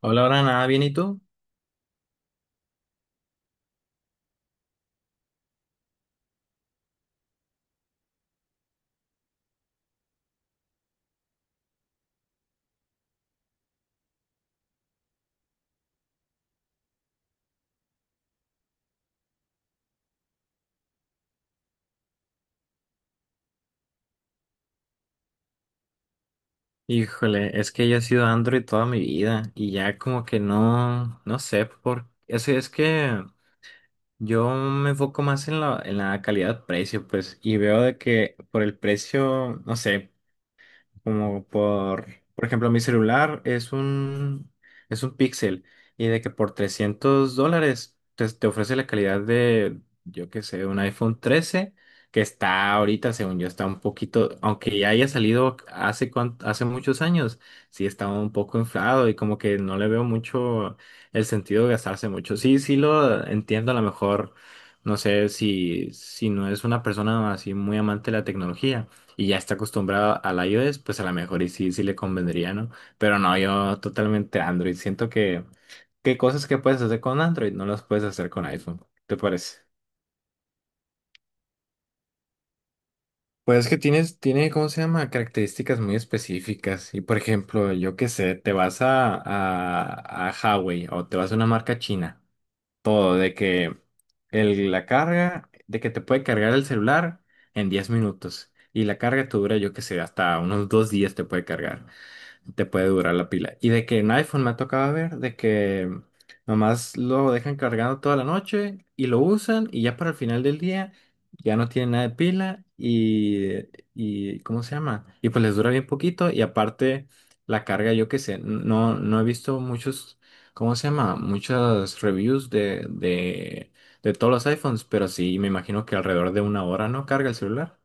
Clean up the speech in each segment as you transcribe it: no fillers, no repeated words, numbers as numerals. Hola, ahora nada, bien, ¿y tú? Híjole, es que yo he sido Android toda mi vida y ya como que no, no sé por Es que yo me enfoco más en la calidad-precio, pues, y veo de que por el precio, no sé, Como por, por ejemplo, mi celular es un Pixel y de que por $300 te ofrece la calidad de, yo qué sé, un iPhone 13 que está ahorita, según yo, está un poquito, aunque ya haya salido hace, hace muchos años, sí está un poco inflado y como que no le veo mucho el sentido de gastarse mucho. Sí, sí lo entiendo a lo mejor, no sé si no es una persona así muy amante de la tecnología y ya está acostumbrado al iOS, pues a lo mejor y sí, sí le convendría, ¿no? Pero no, yo totalmente Android. Que cosas que puedes hacer con Android no las puedes hacer con iPhone. ¿Te parece? Pues es que tiene, ¿cómo se llama? Características muy específicas. Y por ejemplo, yo qué sé, te vas a Huawei o te vas a una marca china. Todo, de que la carga, de que te puede cargar el celular en 10 minutos. Y la carga te dura, yo qué sé, hasta unos 2 días te puede cargar. Te puede durar la pila. Y de que en iPhone me ha tocado ver de que nomás lo dejan cargando toda la noche y lo usan y ya para el final del día ya no tiene nada de pila y ¿cómo se llama? Y pues les dura bien poquito y aparte la carga, yo qué sé, no, no he visto muchos, ¿cómo se llama? Muchas reviews de todos los iPhones, pero sí me imagino que alrededor de una hora no carga el celular.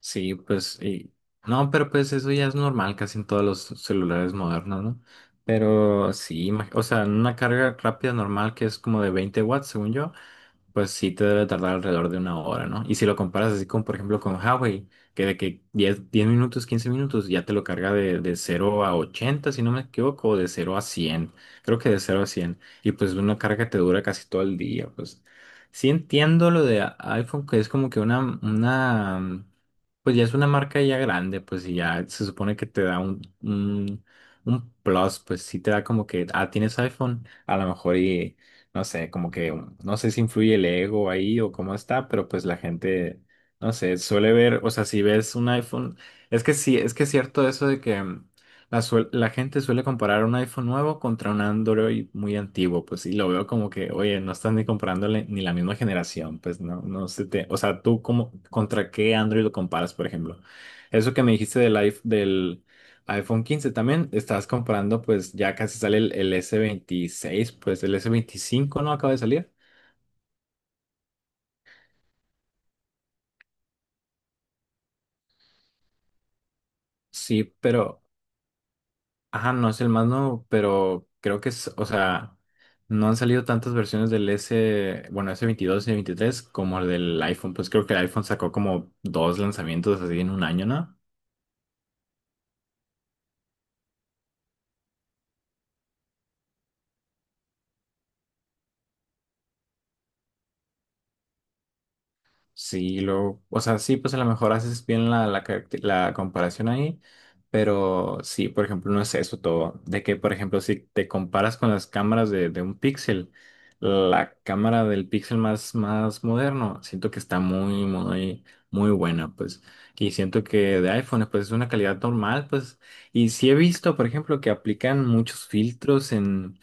Sí, pues, y- no, pero pues eso ya es normal casi en todos los celulares modernos, ¿no? Pero sí, o sea, una carga rápida normal que es como de 20 watts, según yo pues sí te debe tardar alrededor de una hora, ¿no? Y si lo comparas así con, por ejemplo, con Huawei, que de que 10 minutos, 15 minutos ya te lo carga de 0 a 80, si no me equivoco, o de 0 a 100, creo que de 0 a 100, y pues una carga te dura casi todo el día, pues sí entiendo lo de iPhone, que es como que pues ya es una marca ya grande, pues y ya se supone que te da un plus, pues sí te da como que, ah, tienes iPhone, a lo mejor y no sé, como que no sé si influye el ego ahí o cómo está, pero pues la gente, no sé, suele ver, o sea, si ves un iPhone, es que sí, es que es cierto eso de que la gente suele comparar un iPhone nuevo contra un Android muy antiguo, pues sí, lo veo como que, oye, no estás ni comparándole ni la misma generación, pues no, no se te, o sea, tú cómo, ¿contra qué Android lo comparas, por ejemplo? Eso que me dijiste del iPhone 15 también, estás comprando, pues ya casi sale el S26 pues el S25 no acaba de salir. Sí, pero, ajá, no es el más nuevo, pero creo que es, o sea, no han salido tantas versiones del S, bueno, S22 y S23 como el del iPhone, pues creo que el iPhone sacó como dos lanzamientos así en un año, ¿no? Sí, lo, o sea, sí, pues a lo mejor haces bien la comparación ahí, pero sí, por ejemplo, no es eso todo. De que, por ejemplo, si te comparas con las cámaras de un Pixel, la cámara del Pixel más, más moderno, siento que está muy, muy, muy buena, pues. Y siento que de iPhone, pues es una calidad normal, pues. Y sí he visto, por ejemplo, que aplican muchos filtros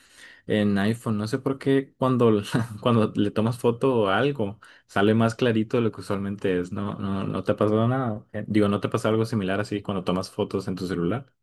en iPhone, no sé por qué cuando, cuando le tomas foto o algo sale más clarito de lo que usualmente es. No, no, no te ha pasado nada. Digo, ¿no te pasa algo similar así cuando tomas fotos en tu celular?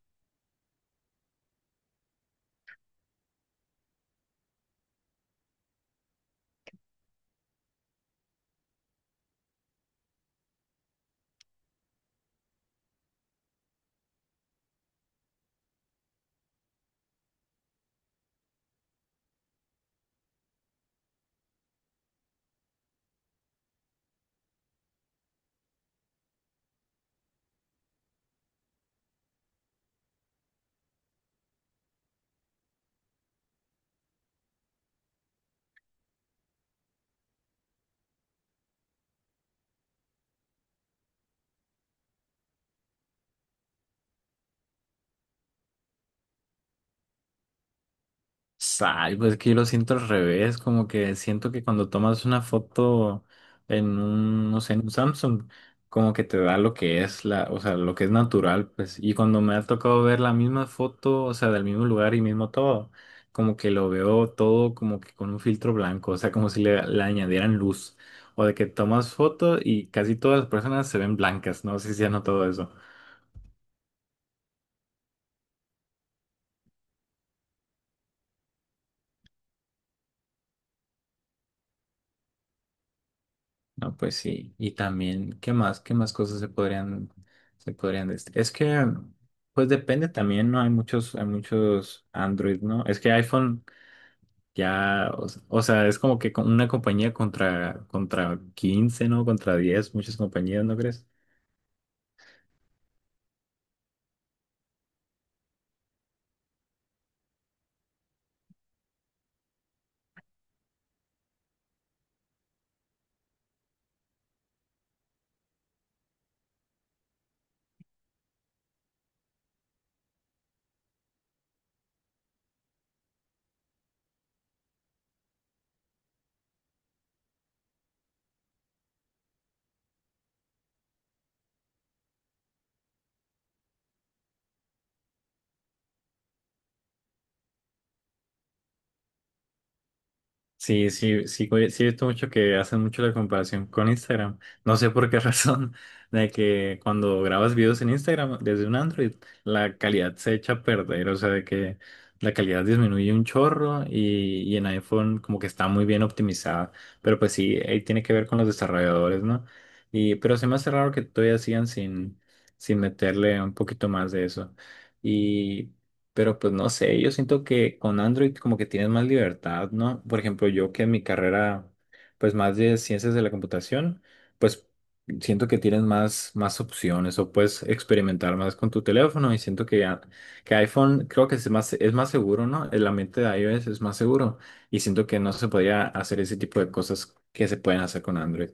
Ay, pues que yo lo siento al revés, como que siento que cuando tomas una foto en un, no sé, en un Samsung, como que te da lo que es la, o sea, lo que es natural, pues, y cuando me ha tocado ver la misma foto, o sea, del mismo lugar y mismo todo, como que lo veo todo como que con un filtro blanco, o sea, como si le añadieran luz, o de que tomas foto y casi todas las personas se ven blancas, no. No sé si has notado eso. No, pues sí. Y también, ¿qué más? ¿Qué más cosas Es que, pues depende también, ¿no? Hay muchos Android, ¿no? Es que iPhone ya, o, o sea, es como que una compañía contra, contra 15, ¿no? Contra 10 muchas compañías, ¿no crees? Sí, sí, sí, oye, sí he visto mucho que hacen mucho la comparación con Instagram. No sé por qué razón, de que cuando grabas videos en Instagram desde un Android, la calidad se echa a perder, o sea, de que la calidad disminuye un chorro y en iPhone como que está muy bien optimizada. Pero pues sí, ahí tiene que ver con los desarrolladores, ¿no? Y, pero se me hace raro que todavía sigan sin meterle un poquito más de eso. Pero pues no sé, yo siento que con Android como que tienes más libertad, ¿no? Por ejemplo, yo que en mi carrera, pues más de ciencias de la computación, pues siento que tienes más, más opciones o puedes experimentar más con tu teléfono y siento que, que iPhone creo que es más seguro, ¿no? El ambiente de iOS es más seguro y siento que no se podía hacer ese tipo de cosas que se pueden hacer con Android.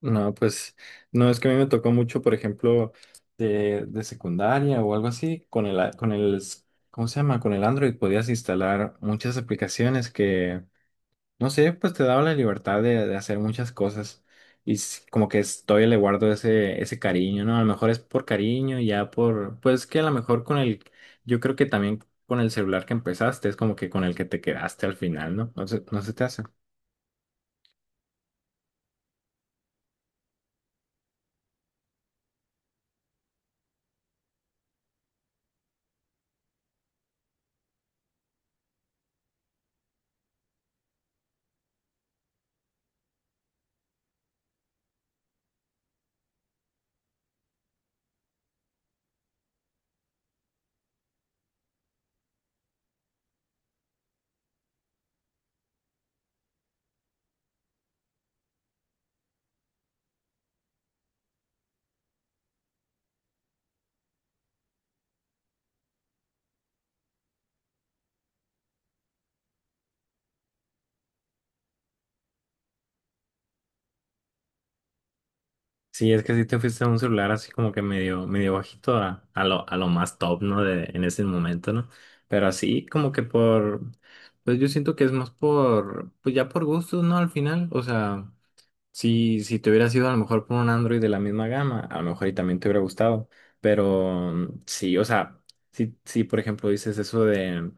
No, pues no, es que a mí me tocó mucho, por ejemplo, de secundaria o algo así, con el, con el, ¿cómo se llama? Con el Android podías instalar muchas aplicaciones que, no sé, pues te daba la libertad de hacer muchas cosas. Y como que todavía le guardo ese, ese cariño, ¿no? A lo mejor es por cariño, ya por, pues que a lo mejor con el, yo creo que también con el celular que empezaste, es como que con el que te quedaste al final, ¿no? No sé, no se te hace. Sí, es que sí te fuiste a un celular así como que medio, medio bajito a lo más top, ¿no? De, en ese momento, ¿no? Pero así como que por, pues yo siento que es más por, pues ya por gustos, ¿no? Al final, o sea, si te hubieras ido a lo mejor por un Android de la misma gama, a lo mejor y también te hubiera gustado, pero sí, o sea, si por ejemplo dices eso de,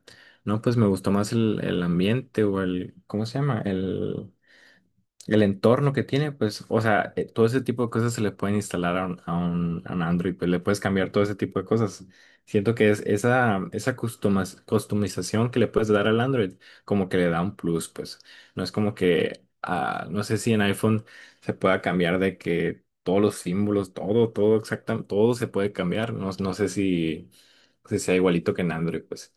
no, pues me gustó más el ambiente o el, ¿cómo se llama? El entorno que tiene, pues, o sea, todo ese tipo de cosas se le pueden instalar a a un Android, pues le puedes cambiar todo ese tipo de cosas. Siento que es esa customización que le puedes dar al Android, como que le da un plus, pues. No es como que, ah, no sé si en iPhone se pueda cambiar de que todos los símbolos, todo, todo exactamente, todo se puede cambiar. No, no sé si sea igualito que en Android, pues.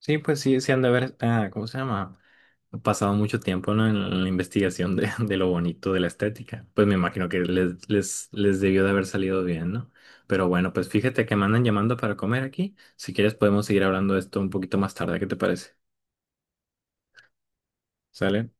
Sí, pues sí, sí han de haber, ah, ¿cómo se llama? Ha pasado mucho tiempo, ¿no?, en la investigación de, de lo bonito de la estética. Pues me imagino que les debió de haber salido bien, ¿no? Pero bueno, pues fíjate que me andan llamando para comer aquí. Si quieres podemos seguir hablando de esto un poquito más tarde, ¿qué te parece? ¿Sale?